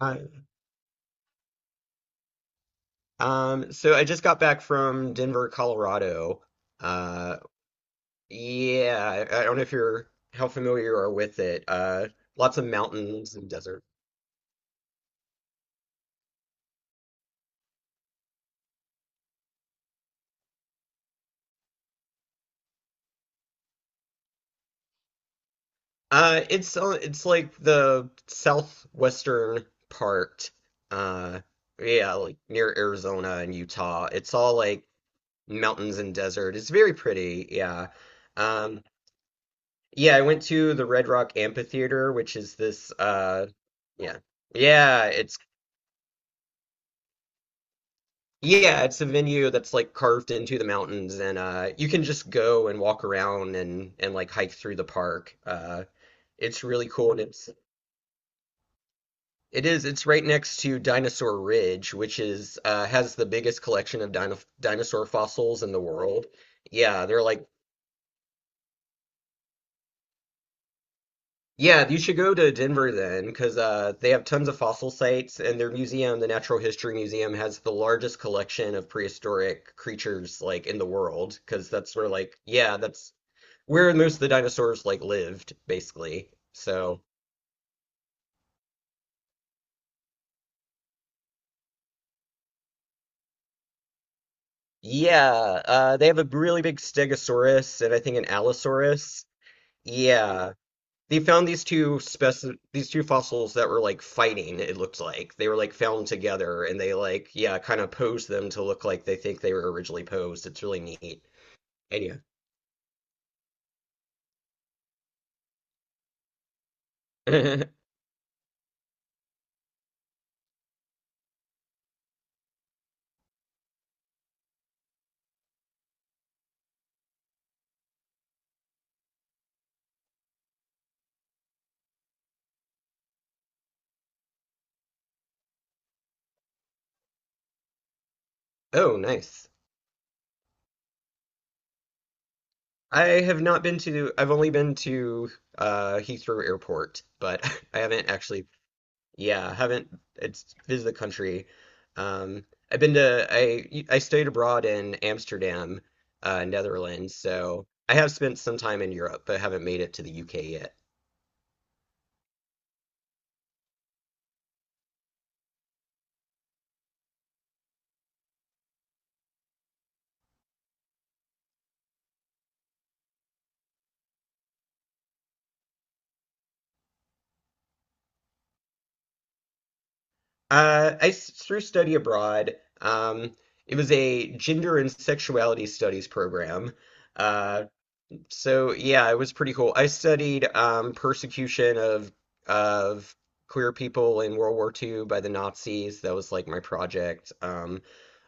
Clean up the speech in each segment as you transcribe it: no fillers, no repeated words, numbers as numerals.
Hi. So I just got back from Denver, Colorado. Uh, yeah, I don't know if you're how familiar you are with it. Lots of mountains and desert. It's like the southwestern part. Uh, yeah, like near Arizona and Utah. It's all like mountains and desert. It's very pretty. Yeah. Um, yeah, I went to the Red Rock Amphitheater, which is this yeah. Yeah, it's Yeah, it's a venue that's like carved into the mountains, and you can just go and walk around and like hike through the park. It's really cool, and it's it is it's right next to Dinosaur Ridge, which is has the biggest collection of dinosaur fossils in the world. Yeah, they're yeah, you should go to Denver then, because they have tons of fossil sites, and their museum, the Natural History Museum, has the largest collection of prehistoric creatures like in the world, because that's where most of the dinosaurs like lived, basically. So yeah, they have a really big Stegosaurus and I think an Allosaurus. Yeah, they found these two fossils that were like fighting. It looked like they were like found together, and they kind of posed them to look like they think they were originally posed. It's really neat. And yeah, oh nice. I have not been to. I've only been to Heathrow Airport, but I haven't actually Yeah, I haven't it's visited the country. Um, I've been to I studied abroad in Amsterdam, Netherlands, so I have spent some time in Europe, but haven't made it to the UK yet. Through study abroad, it was a gender and sexuality studies program. Uh, So yeah, it was pretty cool. I studied persecution of of queer people in World War II by the Nazis. That was like my project.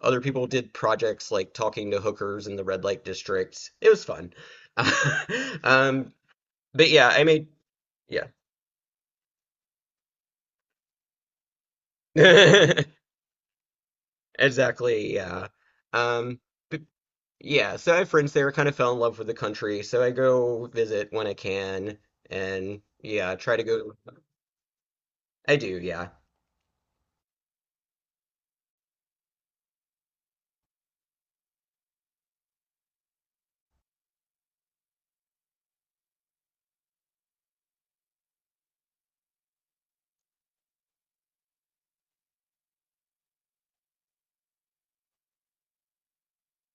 Other people did projects like talking to hookers in the red light district. It was fun. Um, but yeah, I made yeah. Exactly, yeah. Um, but yeah, so I have friends there, kind of fell in love with the country, so I go visit when I can and yeah, try to go. I do, yeah.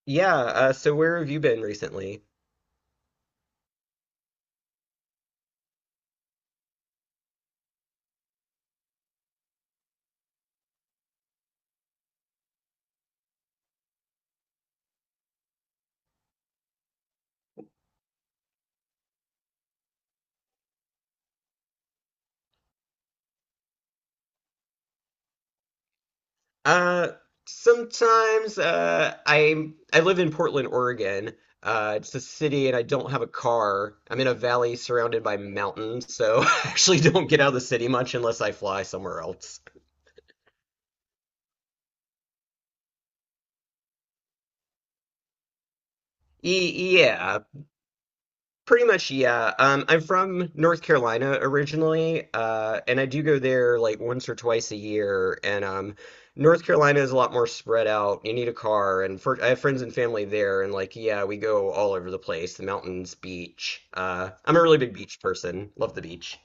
Yeah, so where have you been recently? Uh, sometimes I live in Portland, Oregon. It's a city, and I don't have a car. I'm in a valley surrounded by mountains, so I actually don't get out of the city much unless I fly somewhere else. E yeah, Pretty much, yeah. I'm from North Carolina originally, and I do go there like once or twice a year. And North Carolina is a lot more spread out. You need a car, and for, I have friends and family there, and like, yeah, we go all over the place, the mountains, beach. I'm a really big beach person. Love the beach.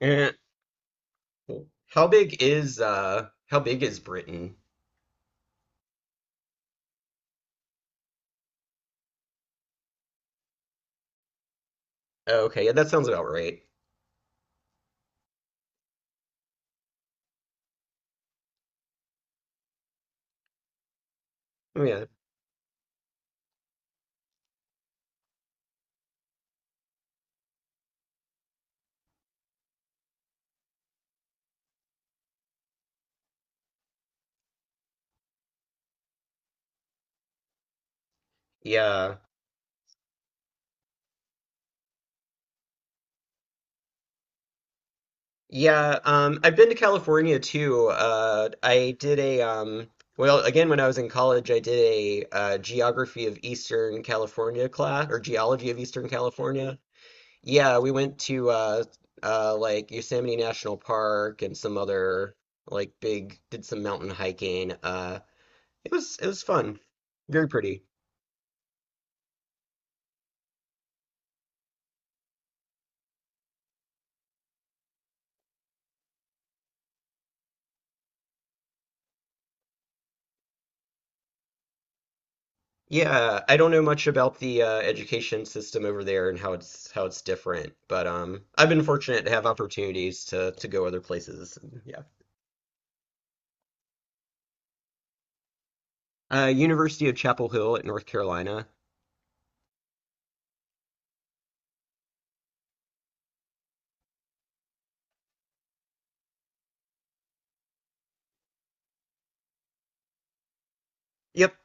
Eh. How big is Britain? Oh, okay, yeah, that sounds about right. Oh, yeah, yeah. Yeah, I've been to California too. I did a Well, again, when I was in college, I did a geography of Eastern California class or geology of Eastern California. Yeah, we went to like Yosemite National Park and some other like big, did some mountain hiking. It was fun, very pretty. Yeah, I don't know much about the education system over there and how it's different, but I've been fortunate to have opportunities to go other places. Yeah, University of Chapel Hill at North Carolina. Yep,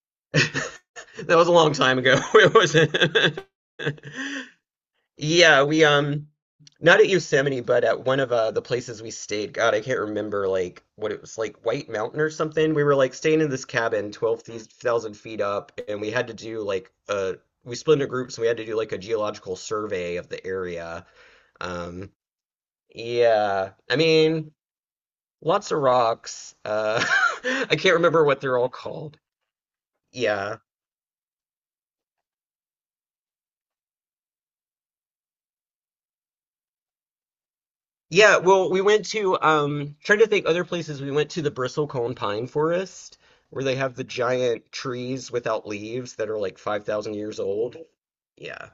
that was a long time ago. It wasn't. Yeah, we not at Yosemite, but at one of the places we stayed. God, I can't remember like what it was, like White Mountain or something. We were like staying in this cabin 12,000 feet up and we had to do we split into groups and we had to do like a geological survey of the area. Um yeah. I mean, lots of rocks. I can't remember what they're all called. Yeah. Yeah, well, we went to trying to think other places. We went to the bristlecone pine forest where they have the giant trees without leaves that are like 5,000 years old. Yeah.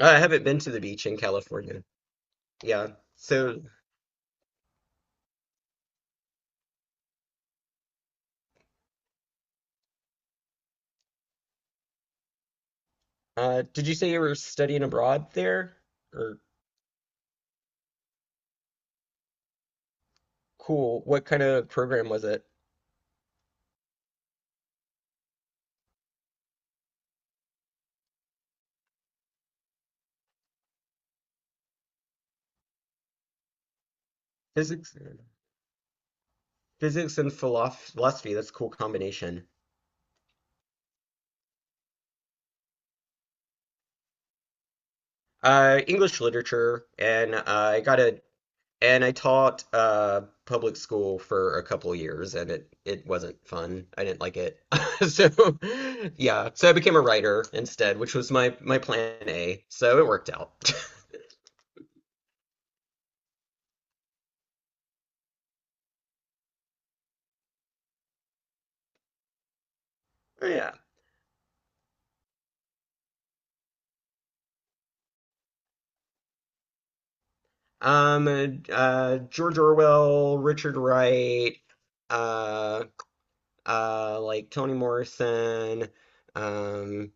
I haven't been to the beach in California. Yeah. So, did you say you were studying abroad there? Or cool. What kind of program was it? Physics. Philosophy. That's a cool combination. English literature and I taught public school for a couple of years, and it wasn't fun. I didn't like it. So yeah, so I became a writer instead, which was my plan A. So it worked out. Yeah. George Orwell, Richard Wright, uh, like Toni Morrison. Um,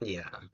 yeah.